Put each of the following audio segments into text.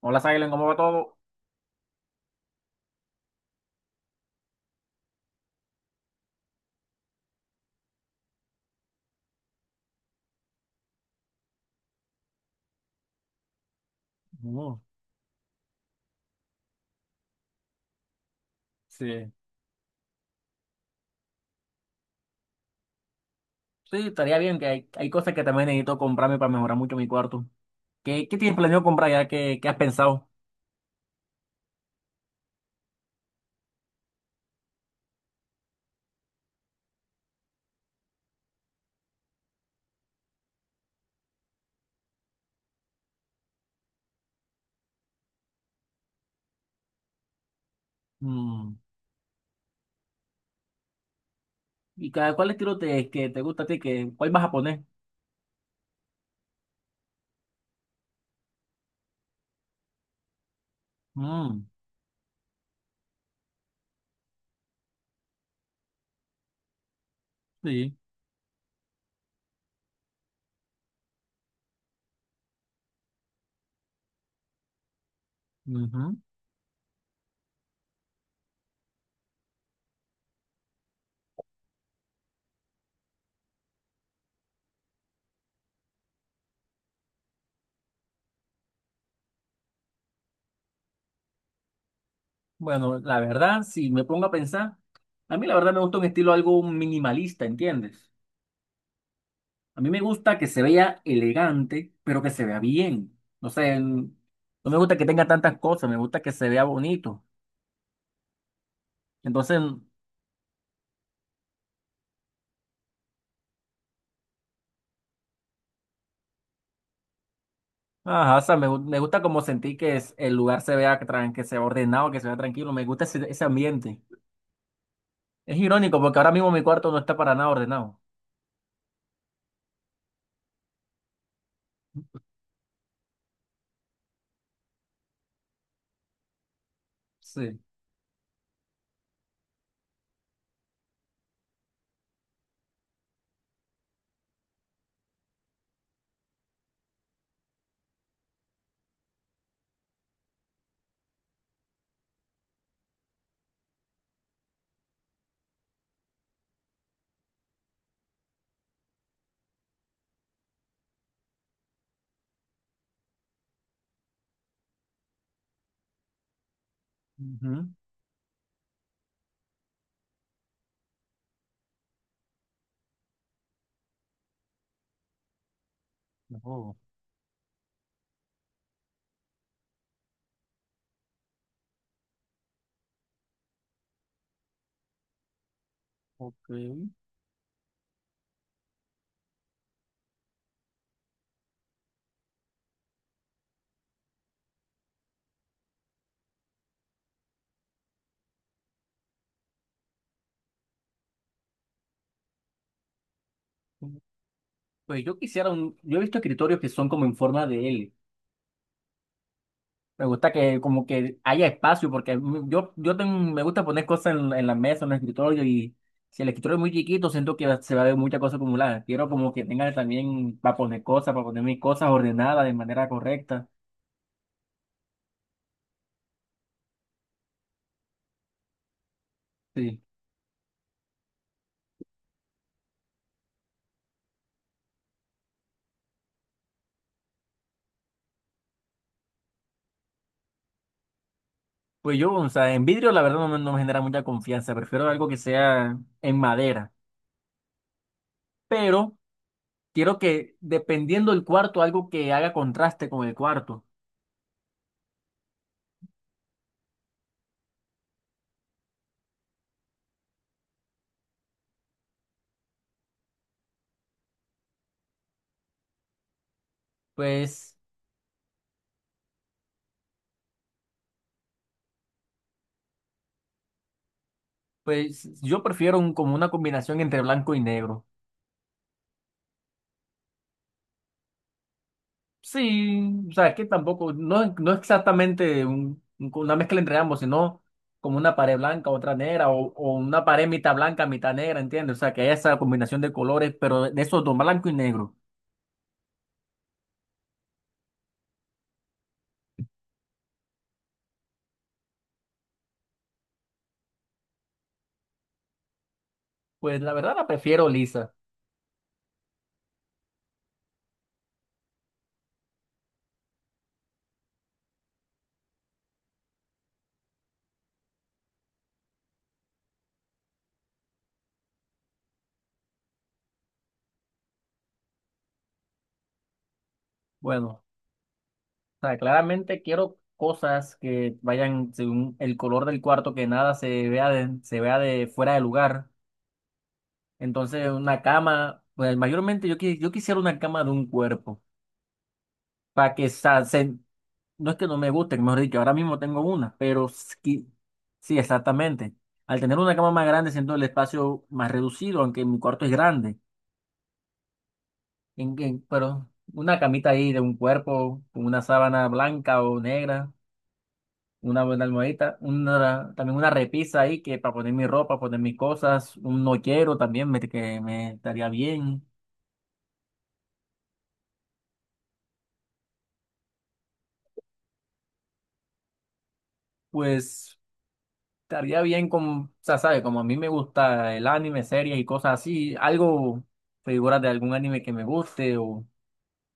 Hola, Silen, ¿cómo va todo? Oh, sí. Sí, estaría bien, que hay cosas que también necesito comprarme para mejorar mucho mi cuarto. ¿Qué tienes planeado comprar ya? ¿Qué has pensado? Mm. ¿Y cada, cuál estilo que te gusta a ti? Que, ¿cuál vas a poner? Mm, sí. Ujú. Bueno, la verdad, si me pongo a pensar, a mí la verdad me gusta un estilo algo minimalista, ¿entiendes? A mí me gusta que se vea elegante, pero que se vea bien. No sé, no me gusta que tenga tantas cosas, me gusta que se vea bonito. Entonces, ajá, o sea, me gusta como sentir que el lugar se vea que se vea ordenado, que se vea tranquilo. Me gusta ese ambiente. Es irónico porque ahora mismo mi cuarto no está para nada ordenado. Sí. Ujú. Oh, ok. Pues yo quisiera un, yo he visto escritorios que son como en forma de L. Me gusta que como que haya espacio porque me gusta poner cosas en la mesa, en el escritorio y si el escritorio es muy chiquito siento que se va a ver muchas cosas acumuladas. Quiero como que tenga también para poner cosas, para poner mis cosas ordenadas de manera correcta. Sí. Pues yo, o sea, en vidrio la verdad no, me no me genera mucha confianza, prefiero algo que sea en madera, pero quiero que dependiendo del cuarto, algo que haga contraste con el cuarto. Pues, pues yo prefiero como una combinación entre blanco y negro. Sí, o sea, es que tampoco, no, no exactamente una mezcla entre ambos, sino como una pared blanca, otra negra, o una pared mitad blanca, mitad negra, ¿entiendes? O sea, que haya esa combinación de colores, pero de esos dos, blanco y negro. Pues la verdad la prefiero lisa. Bueno. O sea, claramente quiero cosas que vayan según el color del cuarto, que nada se vea de fuera de lugar. Entonces, una cama, pues mayormente yo quisiera una cama de un cuerpo, para que no es que no me guste, mejor dicho, ahora mismo tengo una, pero sí, sí, exactamente. Al tener una cama más grande, siento el espacio más reducido, aunque mi cuarto es grande. Pero una camita ahí de un cuerpo, con una sábana blanca o negra. Una buena almohadita, una, también una repisa ahí que para poner mi ropa, poner mis cosas, un nochero también que me estaría bien. Pues estaría bien con, o sea, ¿sabe? Como a mí me gusta el anime, series y cosas así, algo, figuras de algún anime que me guste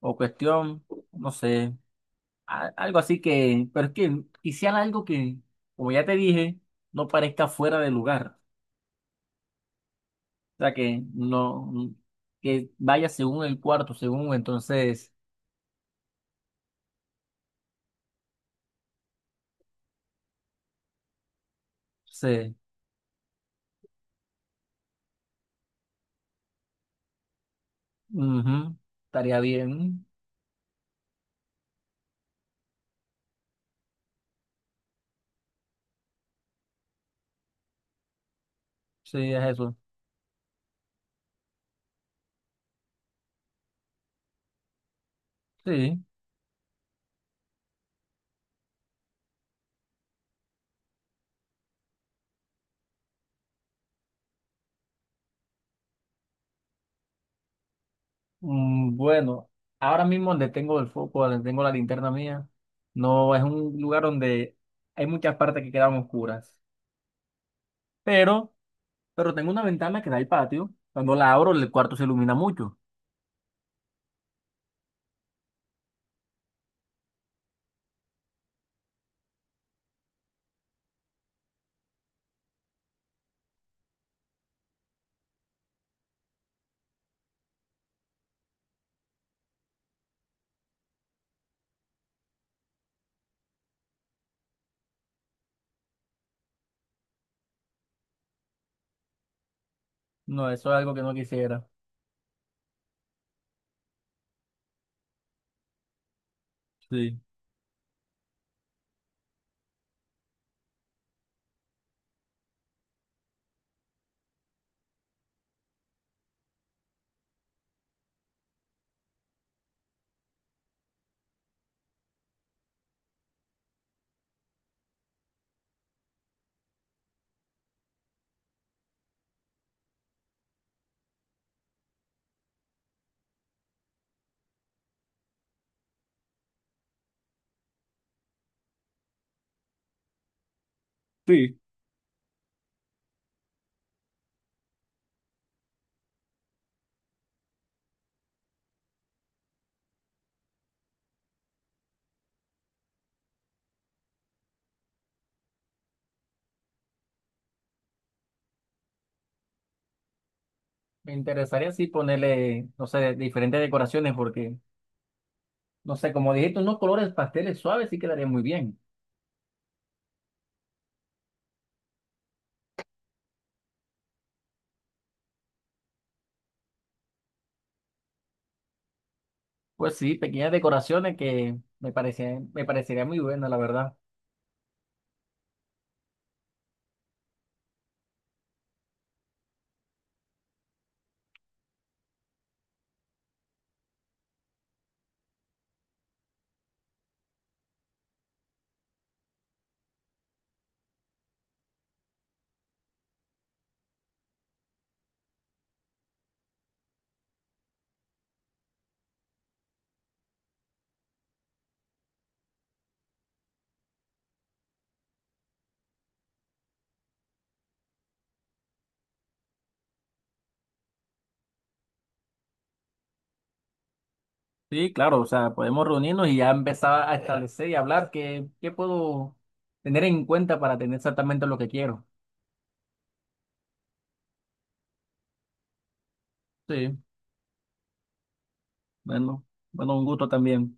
o cuestión, no sé, algo así que, pero es que quisiera algo que, como ya te dije, no parezca fuera de lugar. O sea, que no, que vaya según el cuarto, según entonces. Sí, ujú. Estaría bien. Sí, es eso. Sí. Mm, bueno, ahora mismo donde tengo el foco, donde tengo la linterna mía, no es un lugar donde hay muchas partes que quedan oscuras. Pero, pero tengo una ventana que da al patio. Cuando la abro, el cuarto se ilumina mucho. No, eso es algo que no quisiera. Sí. Sí, me interesaría sí ponerle, no sé, diferentes decoraciones porque, no sé, como dijiste, unos colores pasteles suaves sí quedaría muy bien. Pues sí, pequeñas decoraciones que me parecían, me parecería muy buena, la verdad. Sí, claro, o sea, podemos reunirnos y ya empezar a establecer y hablar qué, qué puedo tener en cuenta para tener exactamente lo que quiero. Sí, bueno, bueno, un gusto también.